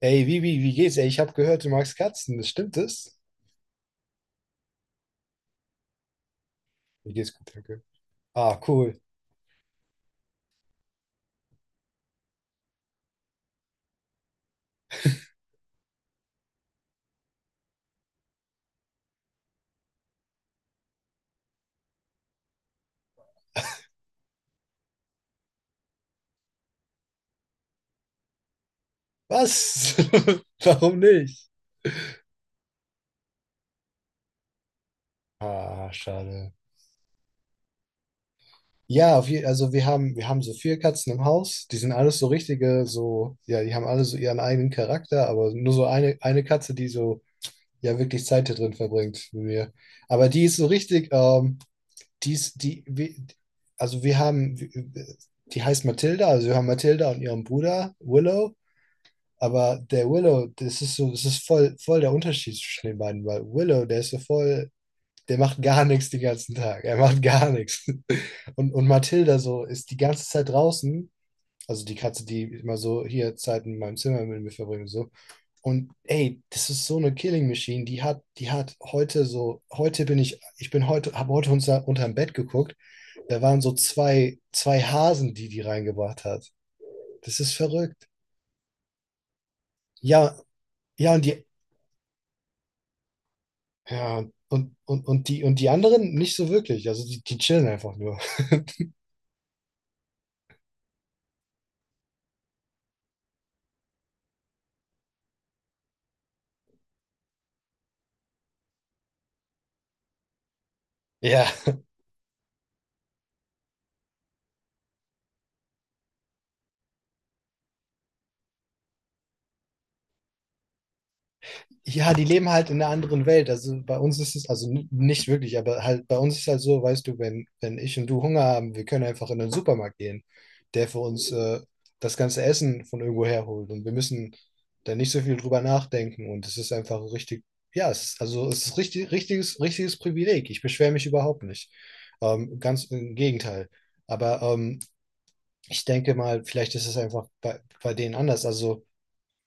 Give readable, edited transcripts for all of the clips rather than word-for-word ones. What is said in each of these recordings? Ey, wie geht's? Ey, ich habe gehört, du magst Katzen. Das stimmt es? Mir geht's gut, danke. Ah, cool. Was? Warum nicht? Ah, schade. Ja, also wir haben so vier Katzen im Haus. Die sind alles so richtige, so, ja, die haben alle so ihren eigenen Charakter, aber nur so eine Katze, die so, ja, wirklich Zeit da drin verbringt mit mir. Aber die ist so richtig, die ist, die, wir, also wir haben, die heißt Mathilda, also wir haben Mathilda und ihren Bruder Willow. Aber der Willow, das ist so, das ist voll der Unterschied zwischen den beiden, weil Willow, der ist so voll, der macht gar nichts den ganzen Tag. Er macht gar nichts. Und Mathilda so ist die ganze Zeit draußen, also die Katze, die immer so hier Zeit in meinem Zimmer mit mir verbringt und so. Und ey, das ist so eine Killing Machine, die hat heute so, heute bin ich, ich bin heute, habe heute unterm Bett geguckt, da waren so zwei Hasen, die reingebracht hat. Das ist verrückt. Ja, ja, und die, und die anderen nicht so wirklich. Also die chillen einfach nur. Ja. Ja, die leben halt in einer anderen Welt. Also bei uns ist es, also nicht wirklich, aber halt bei uns ist halt so, weißt du, wenn ich und du Hunger haben, wir können einfach in den Supermarkt gehen, der für uns das ganze Essen von irgendwo herholt. Und wir müssen da nicht so viel drüber nachdenken. Und es ist einfach richtig, ja, also es ist richtiges Privileg. Ich beschwere mich überhaupt nicht. Ganz im Gegenteil. Aber ich denke mal, vielleicht ist es einfach bei denen anders.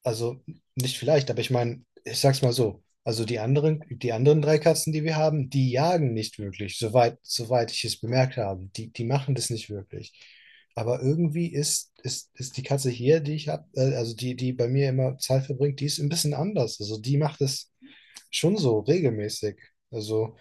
also nicht vielleicht, aber ich meine, ich sag's mal so. Also die anderen drei Katzen, die wir haben, die jagen nicht wirklich, soweit ich es bemerkt habe. Die machen das nicht wirklich. Aber irgendwie ist die Katze hier, die ich habe, also die bei mir immer Zeit verbringt, die ist ein bisschen anders. Also die macht es schon so regelmäßig. Also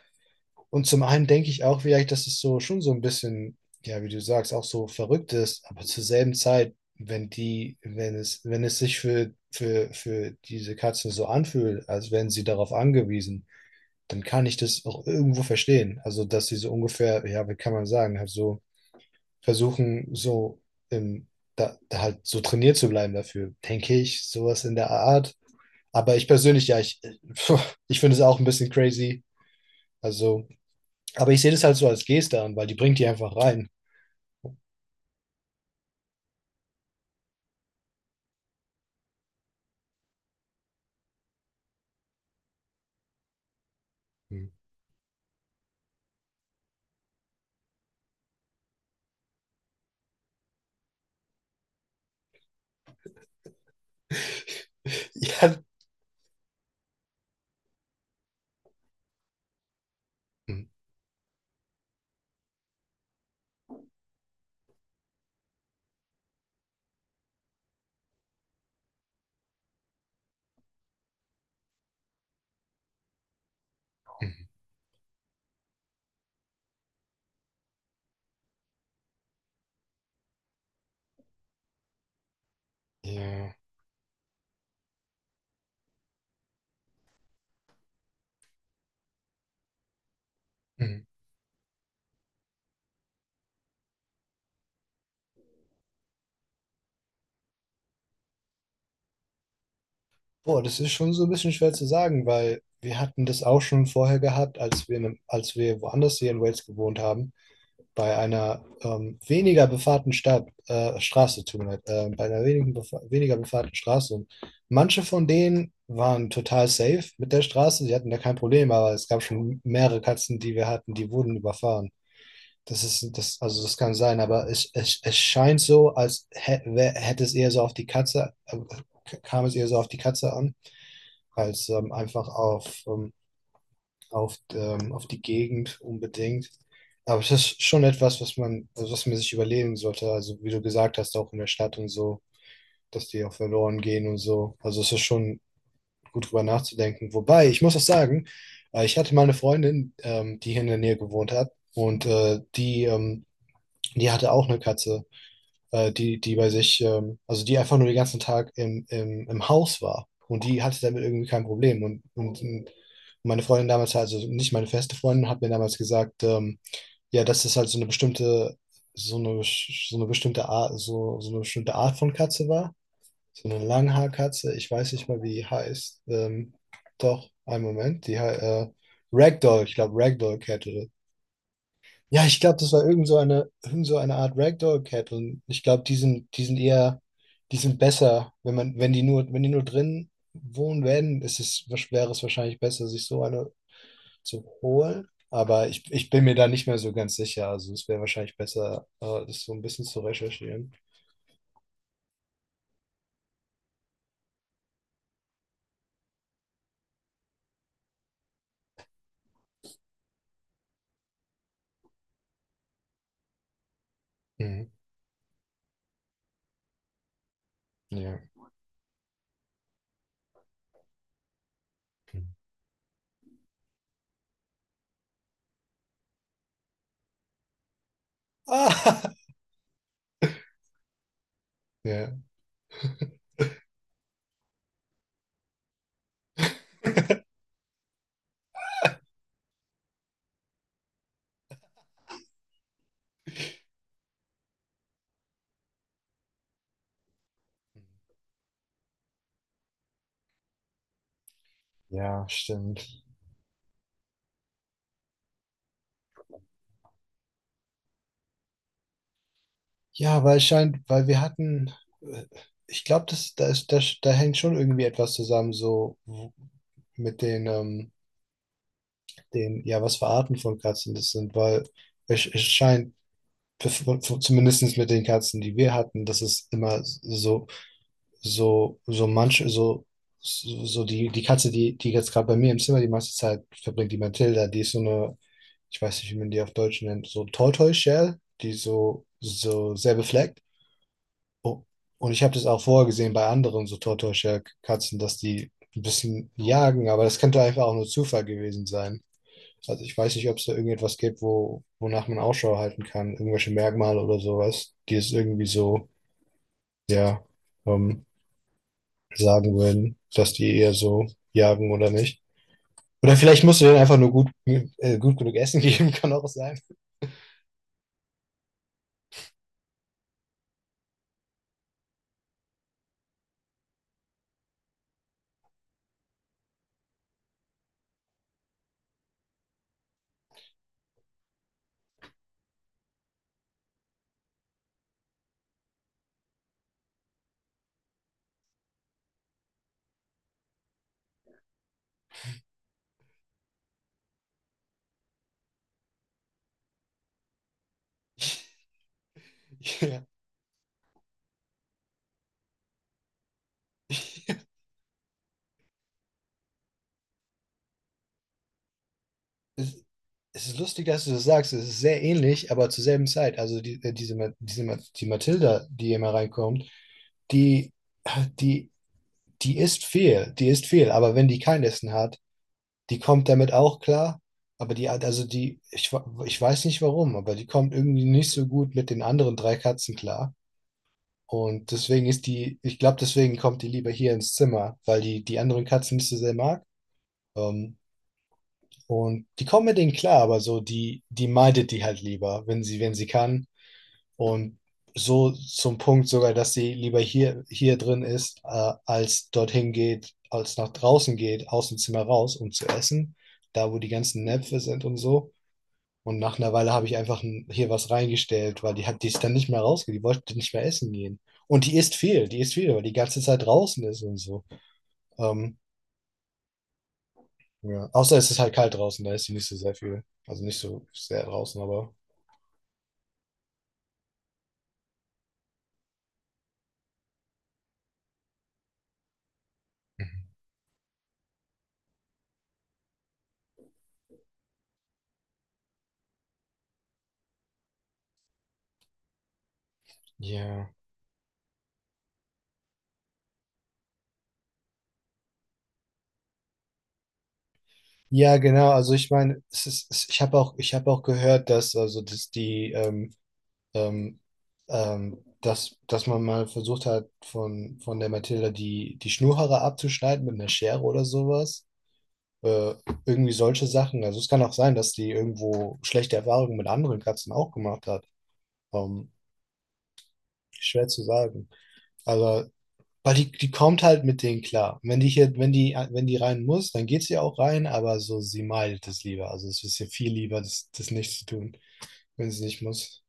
und zum einen denke ich auch vielleicht, dass es so schon so ein bisschen, ja, wie du sagst, auch so verrückt ist, aber zur selben Zeit, wenn es sich für diese Katzen so anfühlt, als wären sie darauf angewiesen, dann kann ich das auch irgendwo verstehen. Also, dass sie so ungefähr, ja, wie kann man sagen, halt so versuchen, im, da halt so trainiert zu bleiben dafür, denke ich, sowas in der Art. Aber ich persönlich, ja, ich, ich finde es auch ein bisschen crazy. Also, aber ich sehe das halt so als Geste an, weil die bringt die einfach rein. Hm. Ja, Hm, hm, Ja. Hm. Boah, das ist schon so ein bisschen schwer zu sagen, weil wir hatten das auch schon vorher gehabt, als wir woanders hier in Wales gewohnt haben, bei einer weniger befahrten Straße, tut mir leid, bei einer wenigen befa weniger befahrten Straße. Und manche von denen waren total safe mit der Straße, sie hatten da kein Problem, aber es gab schon mehrere Katzen, die wir hatten, die wurden überfahren. Also das kann sein, aber es scheint so, hätte es eher so auf die kam es eher so auf die Katze an, als auf die Gegend unbedingt. Aber es ist schon etwas, also was man sich überlegen sollte. Also wie du gesagt hast, auch in der Stadt und so, dass die auch verloren gehen und so. Also es ist schon gut drüber nachzudenken. Wobei, ich muss auch sagen, ich hatte mal eine Freundin, die hier in der Nähe gewohnt hat und die die hatte auch eine Katze, die bei sich, also die einfach nur den ganzen Tag im Haus war. Und die hatte damit irgendwie kein Problem. Und meine Freundin damals, also nicht meine feste Freundin, hat mir damals gesagt, ja, das ist halt so eine bestimmte, so eine bestimmte Art, so, so eine bestimmte Art von Katze war. So eine Langhaarkatze, ich weiß nicht mal, wie die heißt. Doch, einen Moment, Ragdoll, ich glaube Ragdoll Cat oder ja, ich glaube, das war irgend so eine Art Ragdoll Cat, und ich glaube, die sind eher, die sind besser, wenn die nur drin wohnen werden, wäre es wahrscheinlich besser, sich so eine zu holen. Aber ich bin mir da nicht mehr so ganz sicher. Also es wäre wahrscheinlich besser, das so ein bisschen zu recherchieren. Mhm. Ja. Mhm. Ah, ja, ja, stimmt. Ja, weil scheint, weil wir hatten, äh, ich glaube, das, da ist, da, da hängt schon irgendwie etwas zusammen, mit ja, was für Arten von Katzen das sind, weil es scheint, zumindest mit den Katzen, die wir hatten, dass es immer so, so, so manche, so, so so die, die Katze, die jetzt gerade bei mir im Zimmer die meiste Zeit verbringt, die Mathilda, die ist so eine, ich weiß nicht, wie man die auf Deutsch nennt, so Tortoise Shell, die so, so sehr befleckt. Oh, und ich habe das auch vorher gesehen bei anderen so Tortoise-Katzen, dass die ein bisschen jagen, aber das könnte einfach auch nur Zufall gewesen sein. Also ich weiß nicht, ob es da irgendetwas gibt, wonach man Ausschau halten kann, irgendwelche Merkmale oder sowas, die es irgendwie so, ja, ähm, sagen würden, dass die eher so jagen oder nicht. Oder vielleicht musst du denen einfach nur gut genug Essen geben, kann auch sein. Ja. Es ist lustig, dass du das sagst. Es ist sehr ähnlich, aber zur selben Zeit. Also die Mathilda, die immer reinkommt, die, die, die isst viel, die isst viel. Aber wenn die kein Essen hat, die kommt damit auch klar. Aber die, hat- also die, ich, wa- ich weiß nicht warum, aber die kommt irgendwie nicht so gut mit den anderen drei Katzen klar. Und deswegen ist die, ich glaube, deswegen kommt die lieber hier ins Zimmer, weil die die anderen Katzen nicht so sehr mag. Ähm, und die kommen mit denen klar, aber so, die meidet die halt lieber, wenn sie kann. Und so zum Punkt sogar, dass sie lieber hier, hier drin ist, als dorthin geht, als nach draußen geht, aus dem Zimmer raus, um zu essen, da wo die ganzen Näpfe sind und so. Und nach einer Weile habe ich einfach hier was reingestellt, weil die ist dann nicht mehr rausgegangen, die wollte nicht mehr essen gehen. Und die isst viel, weil die ganze Zeit draußen ist und so. Ähm, ja. Außer es ist halt kalt draußen, da ist sie nicht so sehr viel. Also nicht so sehr draußen, aber ja. Ja, genau. Also ich meine, ich habe auch gehört, dass also dass die ähm, dass, dass man mal versucht hat, von der Mathilda die Schnurhaare abzuschneiden mit einer Schere oder sowas. Äh, irgendwie solche Sachen. Also es kann auch sein, dass die irgendwo schlechte Erfahrungen mit anderen Katzen auch gemacht hat. Ähm, Schwer zu sagen. Aber weil die kommt halt mit denen klar. Und wenn die hier, wenn die, wenn die rein muss, dann geht sie auch rein, aber so, sie meidet es lieber. Also es ist ihr viel lieber, das nicht zu tun, wenn sie nicht muss.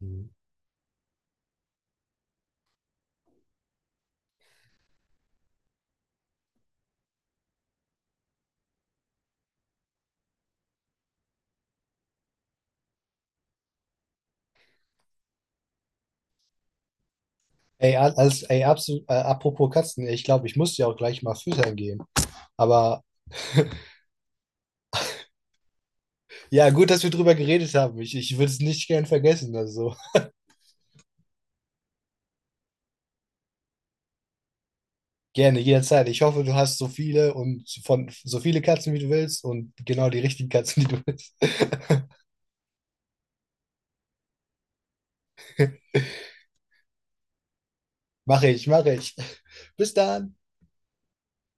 Mhm. Ey, absolut, apropos Katzen, ich glaube, ich muss ja auch gleich mal füttern gehen. Aber ja, gut, dass wir drüber geredet haben. Ich würde es nicht gern vergessen. Also. Gerne, jederzeit. Ich hoffe, du hast so viele und von so viele Katzen, wie du willst und genau die richtigen Katzen, die du willst. Mache ich, mache ich. Bis dann.